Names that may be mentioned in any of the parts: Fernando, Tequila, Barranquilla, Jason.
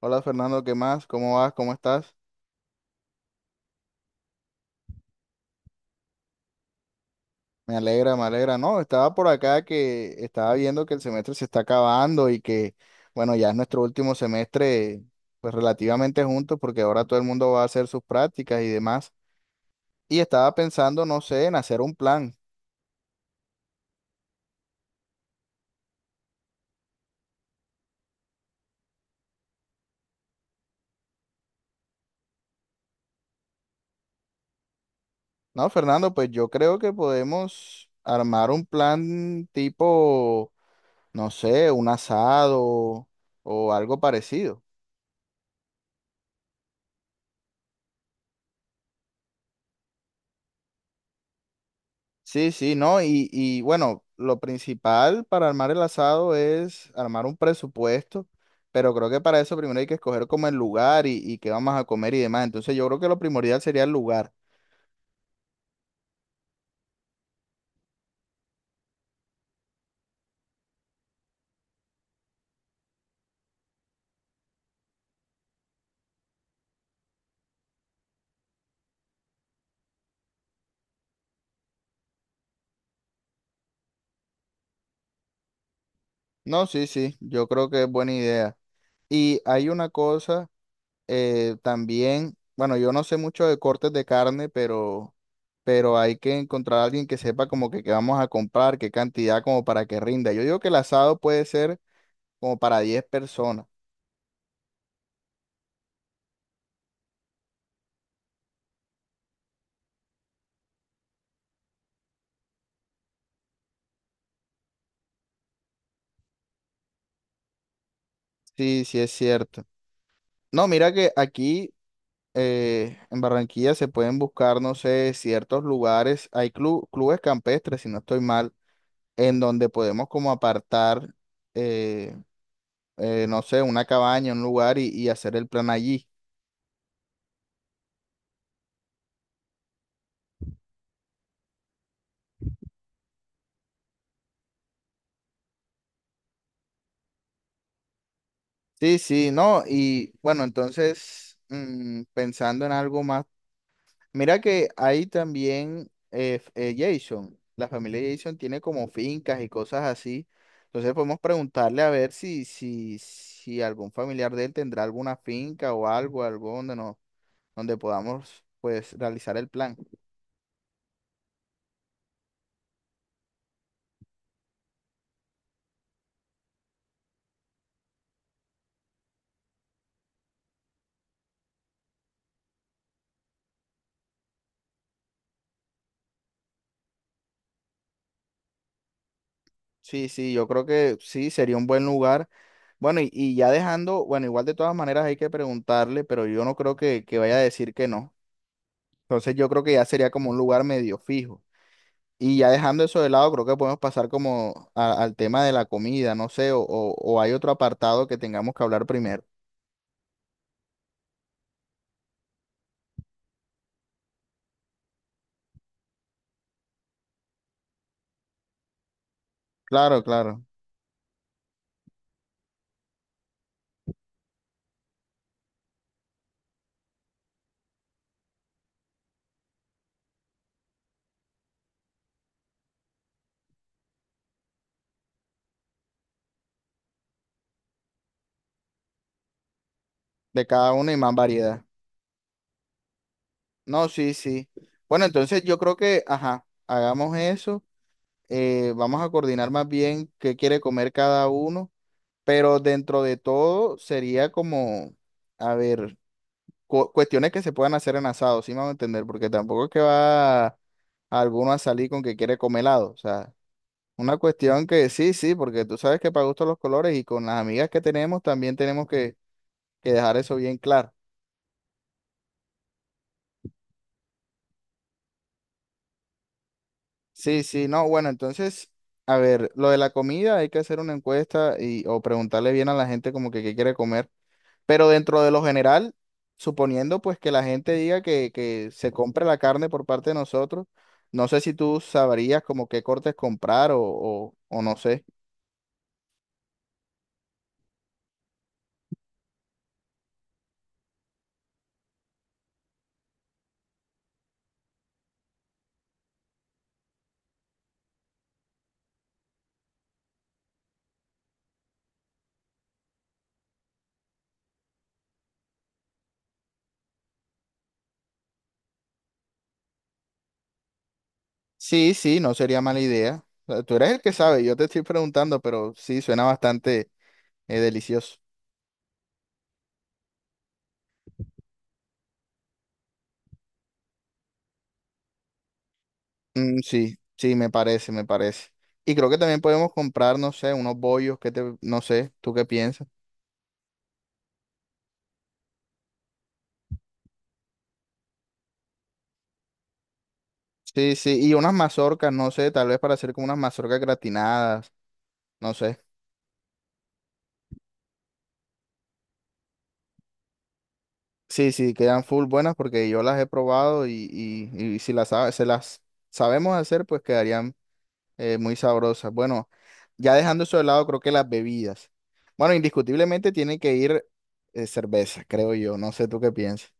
Hola Fernando, ¿qué más? ¿Cómo vas? ¿Cómo estás? Me alegra, me alegra. No, estaba por acá que estaba viendo que el semestre se está acabando bueno, ya es nuestro último semestre, pues relativamente juntos, porque ahora todo el mundo va a hacer sus prácticas y demás. Y estaba pensando, no sé, en hacer un plan. No, Fernando, pues yo creo que podemos armar un plan tipo, no sé, un asado o algo parecido. Sí, sí, ¿no? Y bueno, lo principal para armar el asado es armar un presupuesto, pero creo que para eso primero hay que escoger como el lugar y qué vamos a comer y demás. Entonces yo creo que lo primordial sería el lugar. No, sí, sí, yo creo que es buena idea. Y hay una cosa también, bueno, yo no sé mucho de cortes de carne, pero hay que encontrar a alguien que sepa como que qué vamos a comprar, qué cantidad, como para que rinda. Yo digo que el asado puede ser como para 10 personas. Sí, sí es cierto. No, mira que aquí en Barranquilla se pueden buscar, no sé, ciertos lugares. Hay clubes campestres, si no estoy mal, en donde podemos como apartar, eh, no sé, una cabaña, un lugar y hacer el plan allí. Sí, sí, no. Y bueno, entonces, pensando en algo más. Mira que hay también Jason, la familia Jason tiene como fincas y cosas así. Entonces podemos preguntarle a ver si algún familiar de él tendrá alguna finca o algo, algo donde no, donde podamos pues realizar el plan. Sí, sí, yo creo que sí, sería un buen lugar. Bueno, y ya dejando, bueno, igual de todas maneras hay que preguntarle, pero yo no creo que vaya a decir que no. Entonces yo creo que ya sería como un lugar medio fijo. Y ya dejando eso de lado, creo que podemos pasar como al tema de la comida, no sé, o hay otro apartado que tengamos que hablar primero. Claro, claro, de cada uno y más variedad. No, sí, sí. Bueno, entonces yo creo que, ajá, hagamos eso. Vamos a coordinar más bien qué quiere comer cada uno, pero dentro de todo sería como, a ver, cuestiones que se puedan hacer en asado, sí me van a entender, porque tampoco es que va alguno a salir con que quiere comer helado, o sea. Una cuestión que sí, sí, porque tú sabes que para gusto los colores y con las amigas que tenemos también tenemos que dejar eso bien claro. Sí, sí, no, bueno, entonces, a ver, lo de la comida hay que hacer una encuesta y o preguntarle bien a la gente como que qué quiere comer, pero dentro de lo general, suponiendo pues que la gente diga que se compre la carne por parte de nosotros, no sé si tú sabrías como qué cortes comprar o no sé. Sí, sí, no sería mala idea. O sea, tú eres el que sabe, yo te estoy preguntando, pero sí, suena bastante delicioso. Mm, sí, sí, me parece, me parece. Y creo que también podemos comprar, no sé, unos bollos, que te, no sé, ¿tú qué piensas? Sí, sí, y unas mazorcas, no sé, tal vez para hacer como unas mazorcas gratinadas, no sé. Sí, sí, quedan full buenas porque yo las he probado y si las, se las sabemos hacer, pues quedarían muy sabrosas. Bueno, ya dejando eso de lado, creo que las bebidas. Bueno, indiscutiblemente tiene que ir cerveza, creo yo. No sé tú qué piensas.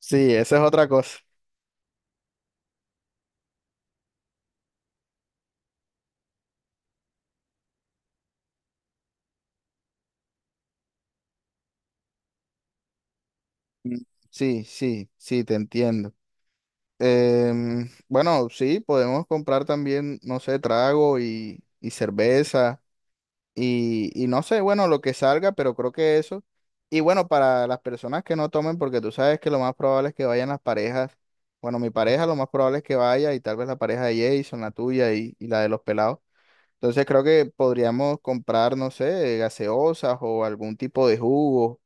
Sí, esa es otra cosa. Mm. Sí, sí, sí, te entiendo. Bueno, sí, podemos comprar también, no sé, trago y cerveza. Y no sé, bueno, lo que salga, pero creo que eso. Y bueno, para las personas que no tomen, porque tú sabes que lo más probable es que vayan las parejas. Bueno, mi pareja lo más probable es que vaya y tal vez la pareja de Jason, la tuya y la de los pelados. Entonces creo que podríamos comprar, no sé, gaseosas o algún tipo de jugo.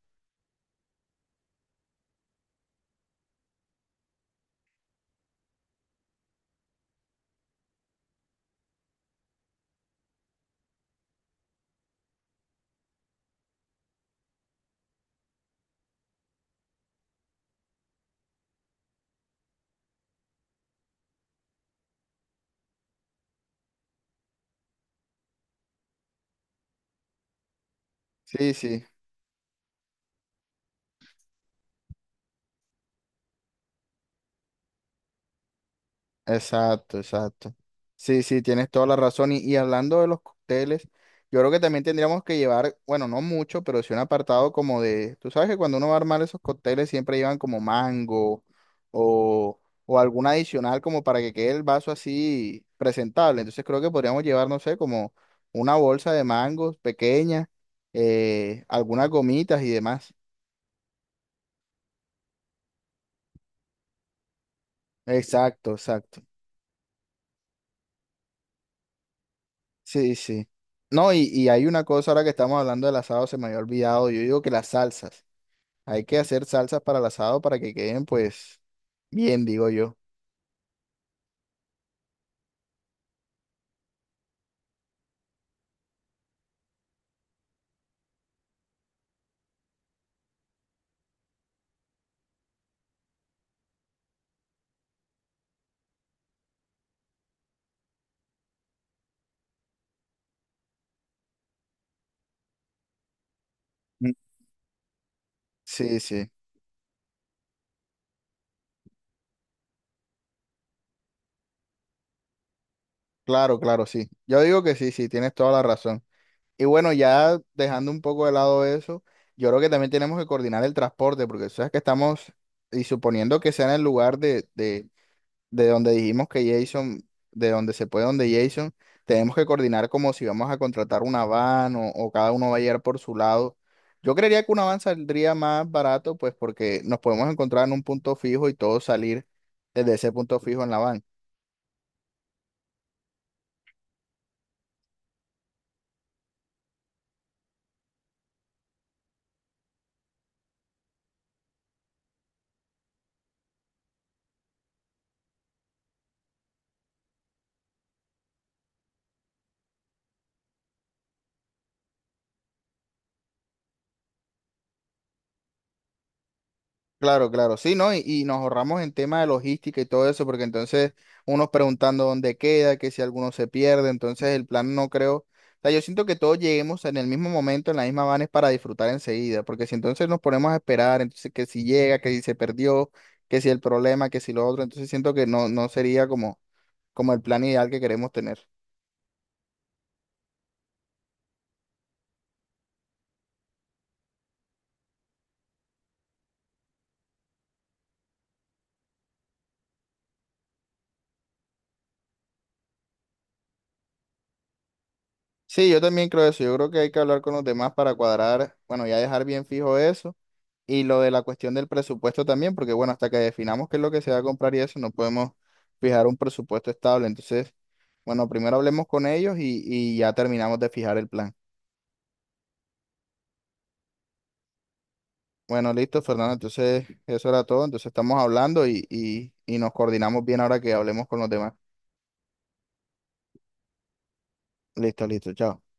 Sí, sí. Exacto, exacto. Sí, sí, tienes toda la razón. Y hablando de los cócteles, yo creo que también tendríamos que llevar, bueno, no mucho, pero sí un apartado como de, tú sabes que cuando uno va a armar esos cócteles siempre llevan como mango o, o algún adicional como para que quede el vaso así presentable. Entonces creo que podríamos llevar, no sé, como una bolsa de mangos pequeña, algunas gomitas y demás. Exacto, exacto. Sí, sí. No, y hay una cosa ahora que estamos hablando del asado, se me había olvidado. Yo digo que las salsas. Hay que hacer salsas para el asado para que queden, pues, bien, digo yo. Mm. Sí, sí. Claro, claro, sí. Yo digo que sí, sí, tienes toda la razón. Y bueno, ya dejando un poco de lado eso, yo creo que también tenemos que coordinar el transporte, porque sabes que estamos, y suponiendo que sea en el lugar de donde dijimos que Jason, de donde se puede, donde Jason, tenemos que coordinar como si vamos a contratar una van o cada uno va a llegar por su lado. Yo creería que una van saldría más barato, pues porque nos podemos encontrar en un punto fijo y todos salir desde ese punto fijo en la van. Claro, claro, sí, ¿no? Y nos ahorramos en tema de logística y todo eso, porque entonces unos preguntando dónde queda, que si alguno se pierde, entonces el plan no creo. O sea, yo siento que todos lleguemos en el mismo momento, en la misma van es para disfrutar enseguida, porque si entonces nos ponemos a esperar, entonces que si llega, que si se perdió, que si el problema, que si lo otro, entonces siento que no, no sería como, como el plan ideal que queremos tener. Sí, yo también creo eso, yo creo que hay que hablar con los demás para cuadrar, bueno, ya dejar bien fijo eso. Y lo de la cuestión del presupuesto también, porque bueno, hasta que definamos qué es lo que se va a comprar y eso, no podemos fijar un presupuesto estable. Entonces, bueno, primero hablemos con ellos y ya terminamos de fijar el plan. Bueno, listo, Fernando. Entonces, eso era todo. Entonces, estamos hablando y nos coordinamos bien ahora que hablemos con los demás. Listo, listo, chao.